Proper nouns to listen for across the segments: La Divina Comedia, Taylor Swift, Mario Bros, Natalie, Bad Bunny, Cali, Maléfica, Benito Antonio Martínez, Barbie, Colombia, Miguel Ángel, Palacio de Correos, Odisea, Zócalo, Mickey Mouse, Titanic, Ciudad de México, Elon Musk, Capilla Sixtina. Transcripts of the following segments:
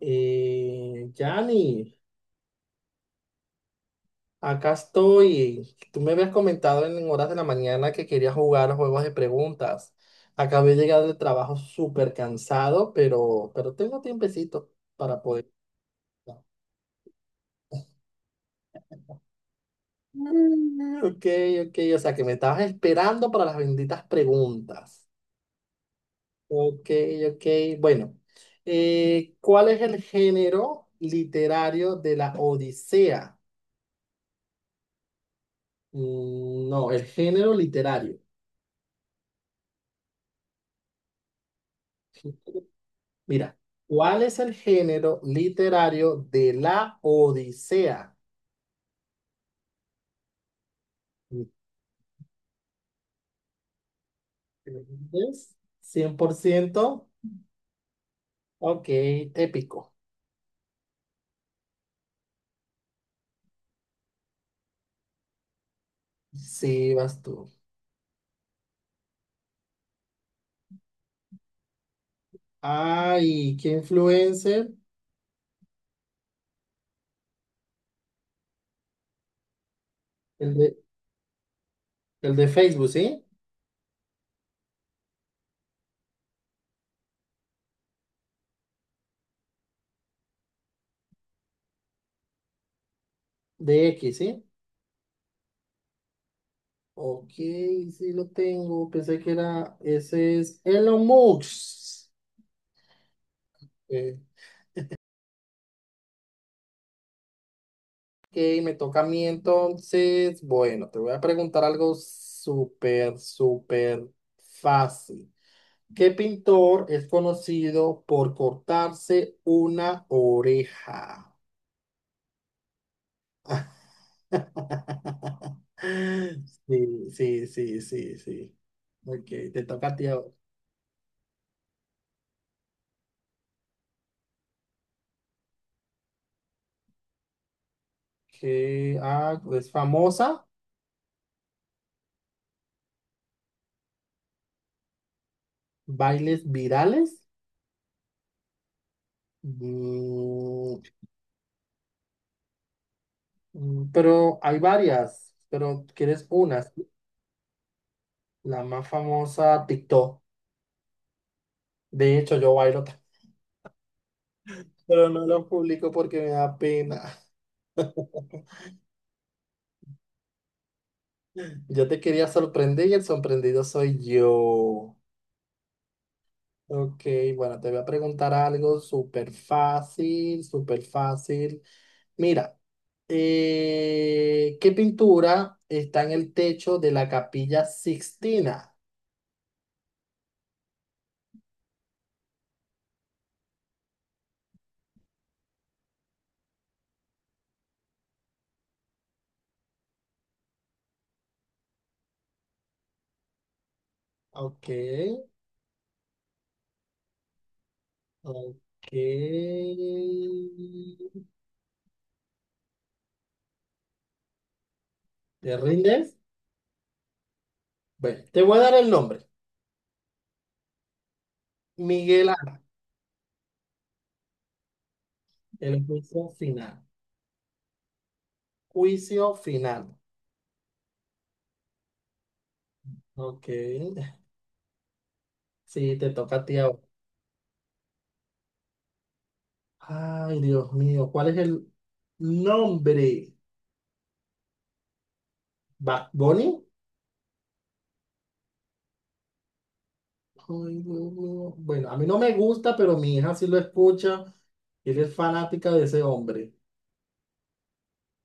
Yani, acá estoy. Tú me habías comentado en horas de la mañana que querías jugar juegos de preguntas. Acabé de llegar del trabajo súper cansado, pero tengo tiempecito para poder jugar. Mm, Ok, ok, o sea que me estabas esperando para las benditas preguntas. Ok, ok, bueno. ¿Cuál es el género literario de la Odisea? Mm, no, el género literario. Mira, ¿cuál es el género literario de la Odisea? ¿Entiendes? ¿100%? Ok, épico. Sí, vas tú. Ay, ¿qué influencer? El de, el de Facebook, ¿sí? De X, ¿sí? Ok, sí lo tengo. Pensé que era, ese es Elon Musk. Eh, Ok, me toca a mí entonces. Bueno, te voy a preguntar algo súper, súper fácil. ¿Qué pintor es conocido por cortarse una oreja? Sí, sí, sí, sí, sí. Ok, te toca a ti ahora. Ah, ¿es famosa? ¿Bailes virales? Mm, pero hay varias, pero ¿quieres unas? La más famosa, TikTok. De hecho, yo bailo. Pero no lo publico porque me da pena. Yo te quería sorprender y el sorprendido soy yo. Ok, bueno, te voy a preguntar algo súper fácil, súper fácil. Mira, ¿qué pintura está en el techo de la Capilla Sixtina? Ok, ok. ¿Te rindes? Bueno, te voy a dar el nombre. Miguel Ángel, el juicio final. Juicio final. Ok. Sí, te toca a ti ahora. Ay, Dios mío, ¿cuál es el nombre? ¿Bad Bunny? Bueno, a mí no me gusta, pero mi hija sí lo escucha. Ella es fanática de ese hombre.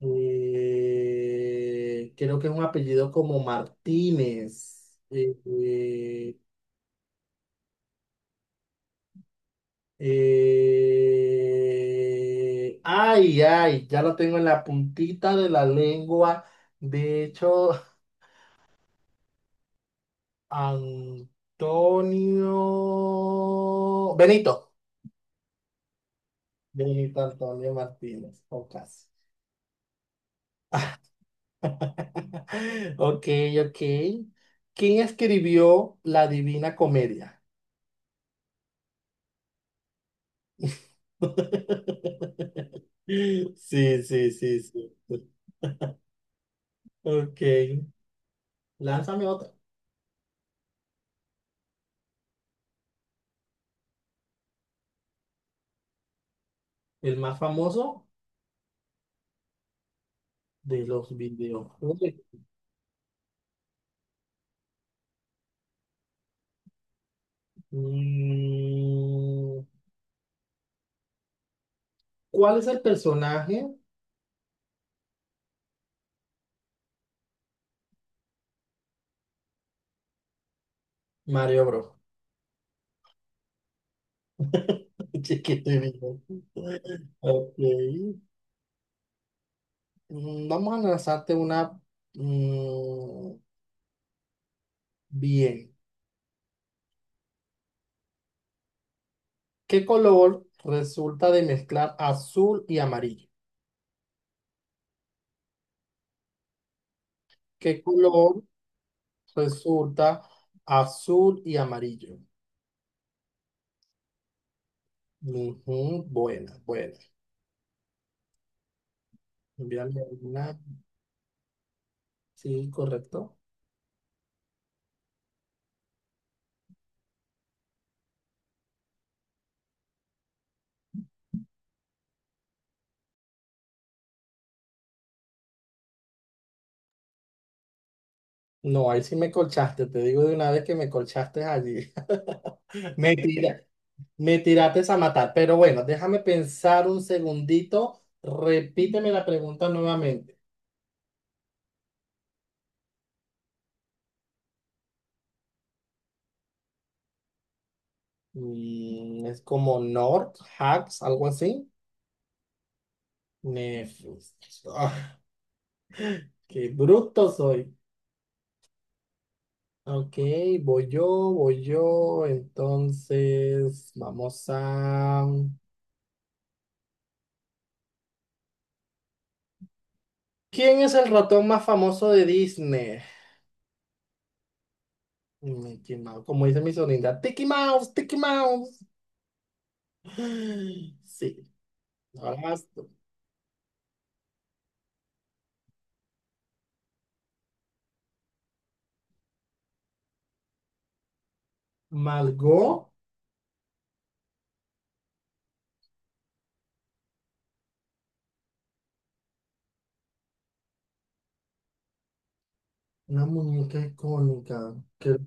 Creo que es un apellido como Martínez. Ay, ay, ya lo tengo en la puntita de la lengua. De hecho, Antonio Benito. Benito Antonio Martínez, o casi. Ok, ok. ¿Quién escribió La Divina Comedia? Sí, sí, sí, sí. Ok. Lánzame otra. El más famoso de los videojuegos. Mm, ¿Cuál es el personaje? Mario Bros. Chiquito y vivo. Ok. Vamos a lanzarte una, mm, bien. ¿Qué color resulta de mezclar azul y amarillo? ¿Qué color resulta azul y amarillo? Ujú, buena, buena. Envíame una. Sí, correcto. No, ahí sí me colchaste. Te digo de una vez que me colchaste allí. Me tira- me tiraste a matar. Pero bueno, déjame pensar un segundito. Repíteme la pregunta nuevamente. Es como North, Hacks, algo así. Nefus. Ah, qué bruto soy. Ok, voy yo, voy yo. Entonces, vamos a... ¿Quién es el ratón más famoso de Disney? Mickey Mouse, como dice mi sonrisa. Tiki Mouse, Tiki Mouse. Sí, ahora vas tú. Margot, una muñeca icónica. Que...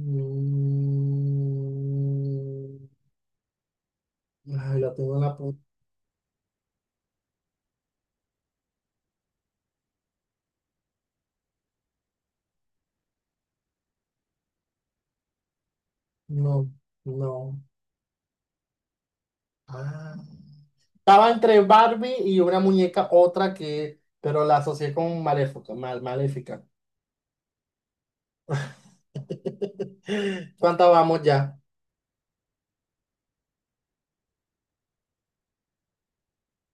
Mm, ay, la tengo en la. No, no. Ah. Estaba entre Barbie y una muñeca, otra que, pero la asocié con Maléfica. Maléfica. ¿Cuántas vamos ya?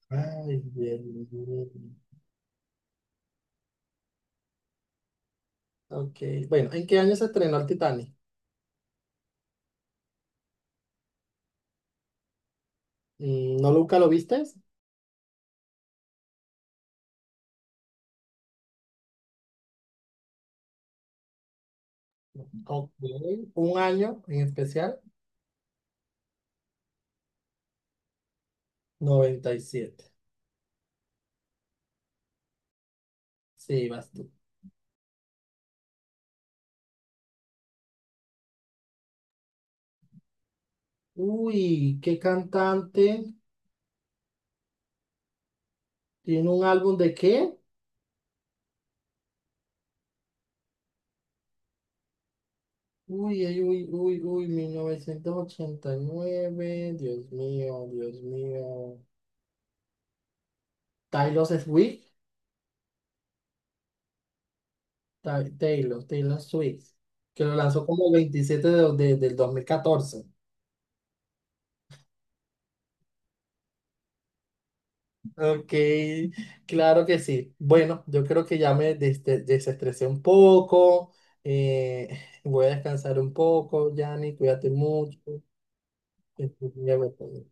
Ay, bien, bien. Ok, bueno, ¿en qué año se estrenó el Titanic? ¿No nunca lo viste? Ok, un año en especial, 97. Sí, vas tú. Uy, ¿qué cantante tiene un álbum de qué? Uy, ay, uy, uy, uy, 1989. Dios mío, Dios mío. Taylor Swift. Taylor Swift, que lo lanzó como el 27 de, del 2014. Ok, claro que sí. Bueno, yo creo que ya me desestresé un poco. eh, voy a descansar un poco, Yanni, cuídate mucho. Que estés bien,